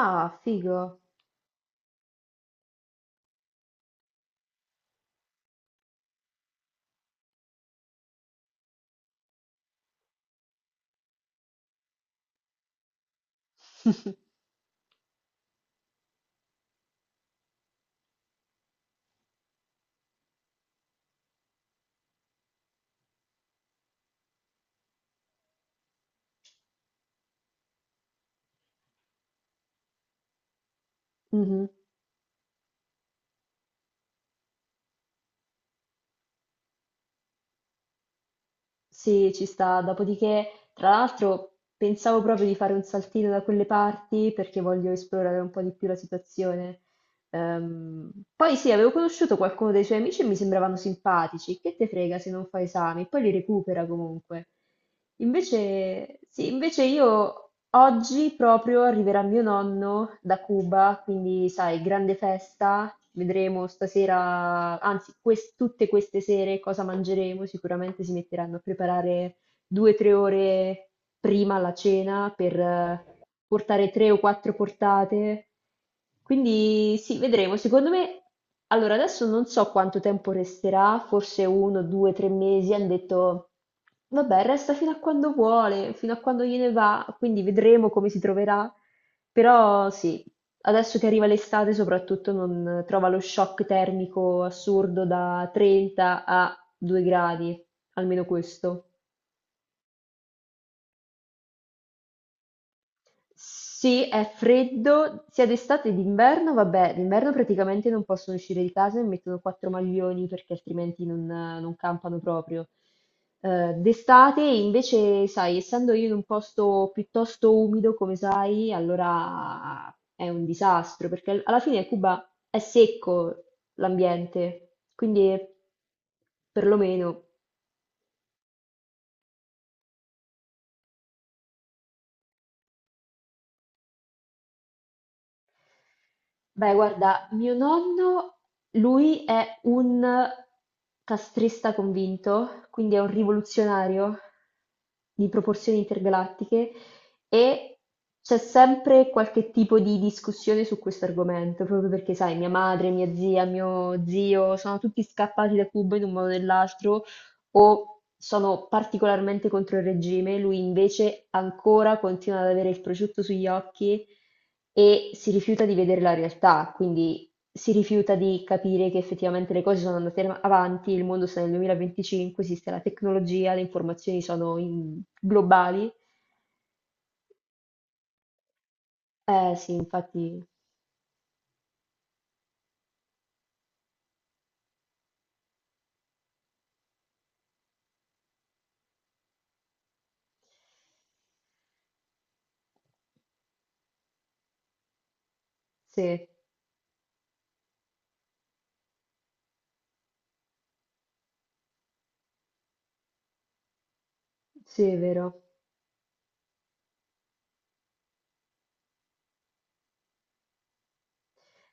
Ah, figo. Mhm. Sì, ci sta. Dopodiché, tra l'altro, pensavo proprio di fare un saltino da quelle parti perché voglio esplorare un po' di più la situazione. Ehm, Poi sì, avevo conosciuto qualcuno dei suoi amici e mi sembravano simpatici. Che te frega se non fa esami? Poi li recupera comunque. Invece, sì, invece io oggi proprio arriverà mio nonno da Cuba, quindi sai, grande festa. Vedremo stasera, anzi, tutte queste sere cosa mangeremo. Sicuramente si metteranno a preparare 2, 3 ore prima la cena per portare 3 o 4 portate. Quindi sì, vedremo. Secondo me, allora adesso non so quanto tempo resterà, forse uno, due, tre mesi. Hanno detto, vabbè, resta fino a quando vuole, fino a quando gliene va, quindi vedremo come si troverà. Però sì, adesso che arriva l'estate soprattutto non trova lo shock termico assurdo da 30 a 2 gradi, almeno questo. Sì, è freddo sia d'estate che d'inverno, vabbè, d'inverno praticamente non possono uscire di casa e mettono quattro maglioni perché altrimenti non campano proprio. D'estate invece, sai, essendo io in un posto piuttosto umido, come sai, allora è un disastro perché alla fine Cuba è secco l'ambiente, quindi perlomeno. Beh, guarda, mio nonno, lui è un castrista convinto, quindi è un rivoluzionario di proporzioni intergalattiche, e c'è sempre qualche tipo di discussione su questo argomento, proprio perché, sai, mia madre, mia zia, mio zio, sono tutti scappati da Cuba in un modo o nell'altro o sono particolarmente contro il regime, lui invece ancora continua ad avere il prosciutto sugli occhi e si rifiuta di vedere la realtà, quindi si rifiuta di capire che effettivamente le cose sono andate avanti, il mondo sta nel 2025, esiste la tecnologia, le informazioni sono globali. Eh sì, infatti, sì, sì, è vero.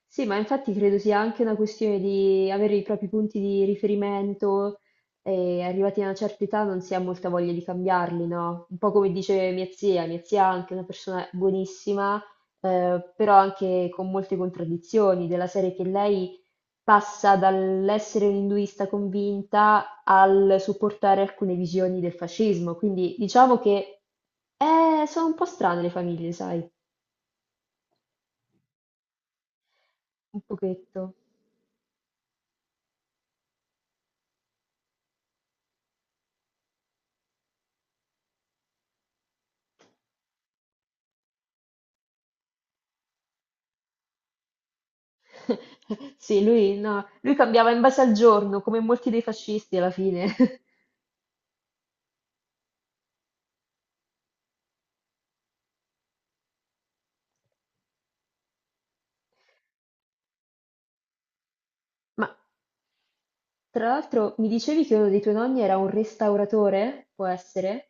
Sì, ma infatti credo sia anche una questione di avere i propri punti di riferimento, e arrivati a una certa età non si ha molta voglia di cambiarli, no? Un po' come dice mia zia è anche una persona buonissima, però anche con molte contraddizioni, della serie che lei passa dall'essere un induista convinta al supportare alcune visioni del fascismo, quindi diciamo che sono un po' strane le famiglie, sai, un pochetto. Sì, lui, no, lui cambiava in base al giorno, come molti dei fascisti alla fine. Ma tra l'altro mi dicevi che uno dei tuoi nonni era un restauratore? Può essere?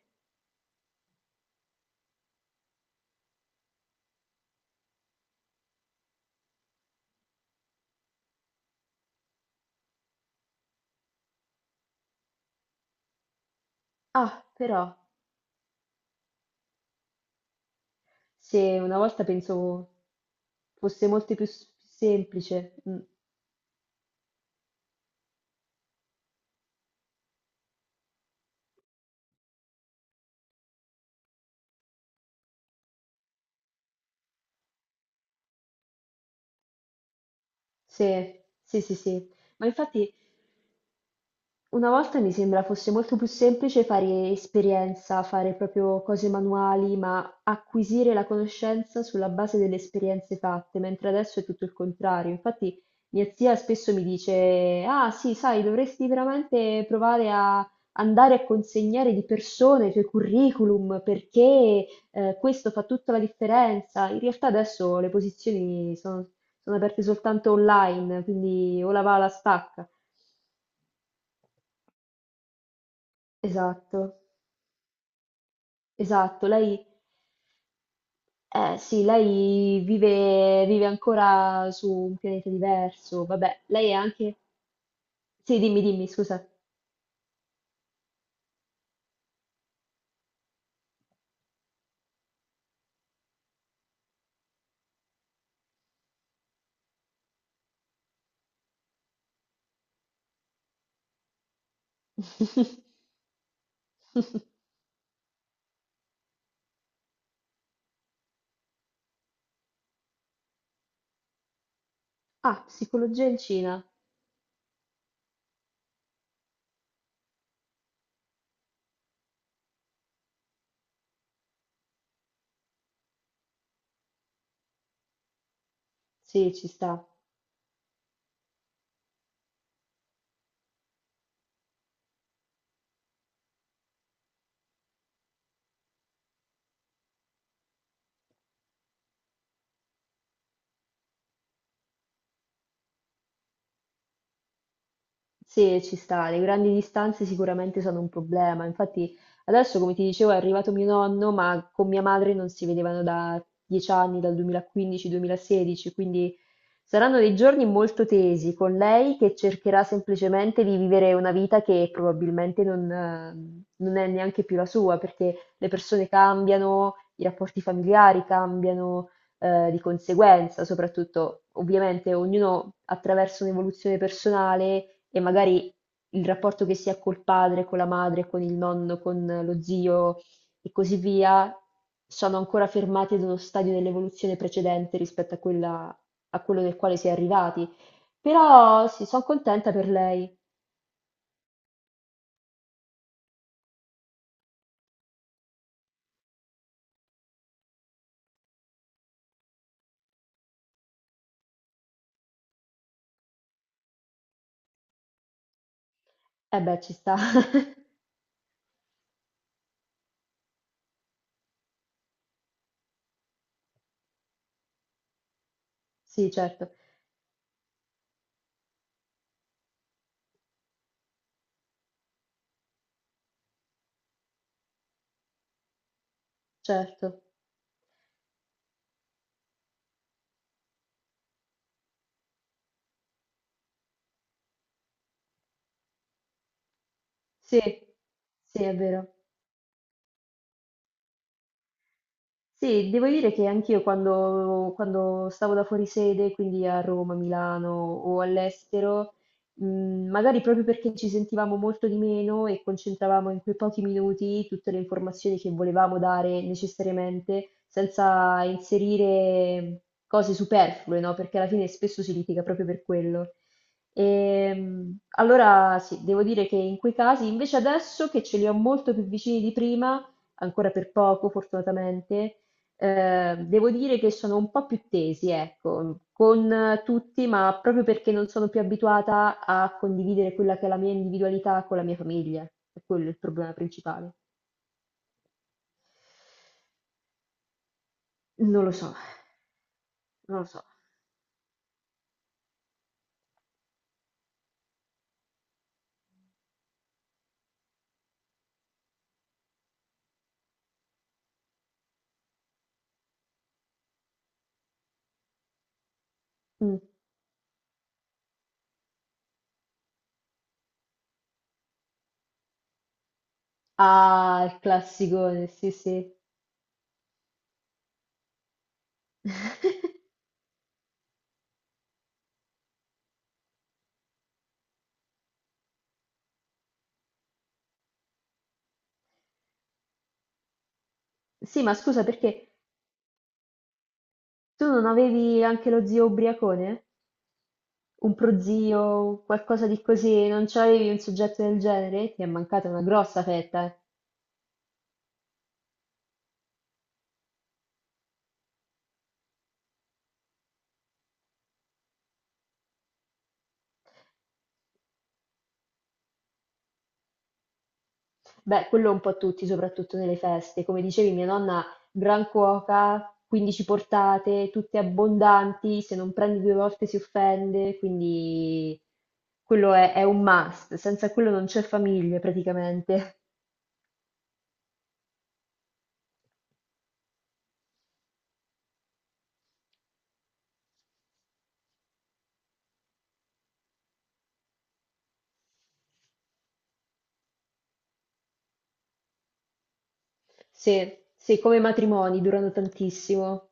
Ah, però, se una volta pensavo fosse molto più semplice. Mm. Sì, sì, sì, sì. Ma infatti una volta mi sembra fosse molto più semplice fare esperienza, fare proprio cose manuali, ma acquisire la conoscenza sulla base delle esperienze fatte, mentre adesso è tutto il contrario. Infatti mia zia spesso mi dice, ah sì, sai, dovresti veramente provare a andare a consegnare di persona i tuoi curriculum perché questo fa tutta la differenza. In realtà adesso le posizioni sono sono aperte soltanto online, quindi o la va o la stacca. Esatto. Esatto, lei, sì, lei vive ancora su un pianeta diverso. Vabbè, lei è anche... Sì, dimmi, dimmi, scusa. Ah, psicologia in Cina. Sì, ci sta. Sì, ci sta, le grandi distanze sicuramente sono un problema. Infatti, adesso, come ti dicevo, è arrivato mio nonno, ma con mia madre non si vedevano da 10 anni, dal 2015-2016, quindi saranno dei giorni molto tesi con lei che cercherà semplicemente di vivere una vita che probabilmente non è neanche più la sua, perché le persone cambiano, i rapporti familiari cambiano di conseguenza, soprattutto ovviamente ognuno attraversa un'evoluzione personale, e magari il rapporto che si ha col padre, con la madre, con il nonno, con lo zio e così via, sono ancora fermati ad uno stadio dell'evoluzione precedente rispetto a quello del quale si è arrivati. Però sì, sono contenta per lei. Eh beh, ci sta. Sì, certo, certo. Sì, sì, è vero. Sì, devo dire che anch'io quando stavo da fuori sede, quindi a Roma, Milano o all'estero, magari proprio perché ci sentivamo molto di meno e concentravamo in quei pochi minuti tutte le informazioni che volevamo dare necessariamente, senza inserire cose superflue, no? Perché alla fine spesso si litiga proprio per quello. Allora sì, devo dire che in quei casi, invece adesso che ce li ho molto più vicini di prima, ancora per poco fortunatamente, devo dire che sono un po' più tesi, ecco, con tutti, ma proprio perché non sono più abituata a condividere quella che è la mia individualità con la mia famiglia. È quello il problema principale. Non lo so, non lo so. Mm. Ah, il classicone, sì, sì. Sì, ma scusa, perché tu non avevi anche lo zio ubriacone? Un prozio, qualcosa di così, non c'avevi un soggetto del genere? Ti è mancata una grossa fetta, eh. Beh, quello un po' tutti, soprattutto nelle feste. Come dicevi, mia nonna, gran cuoca, 15 portate, tutte abbondanti, se non prendi due volte si offende, quindi quello è un must. Senza quello non c'è famiglia praticamente. Se, se come matrimoni durano tantissimo.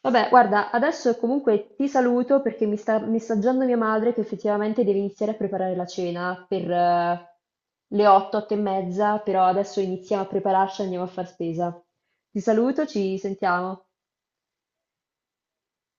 Vabbè, guarda, adesso comunque ti saluto perché mi sta messaggiando mia madre che effettivamente deve iniziare a preparare la cena per le 8, 8 e mezza, però adesso iniziamo a prepararci e andiamo a far spesa. Ti saluto, ci sentiamo.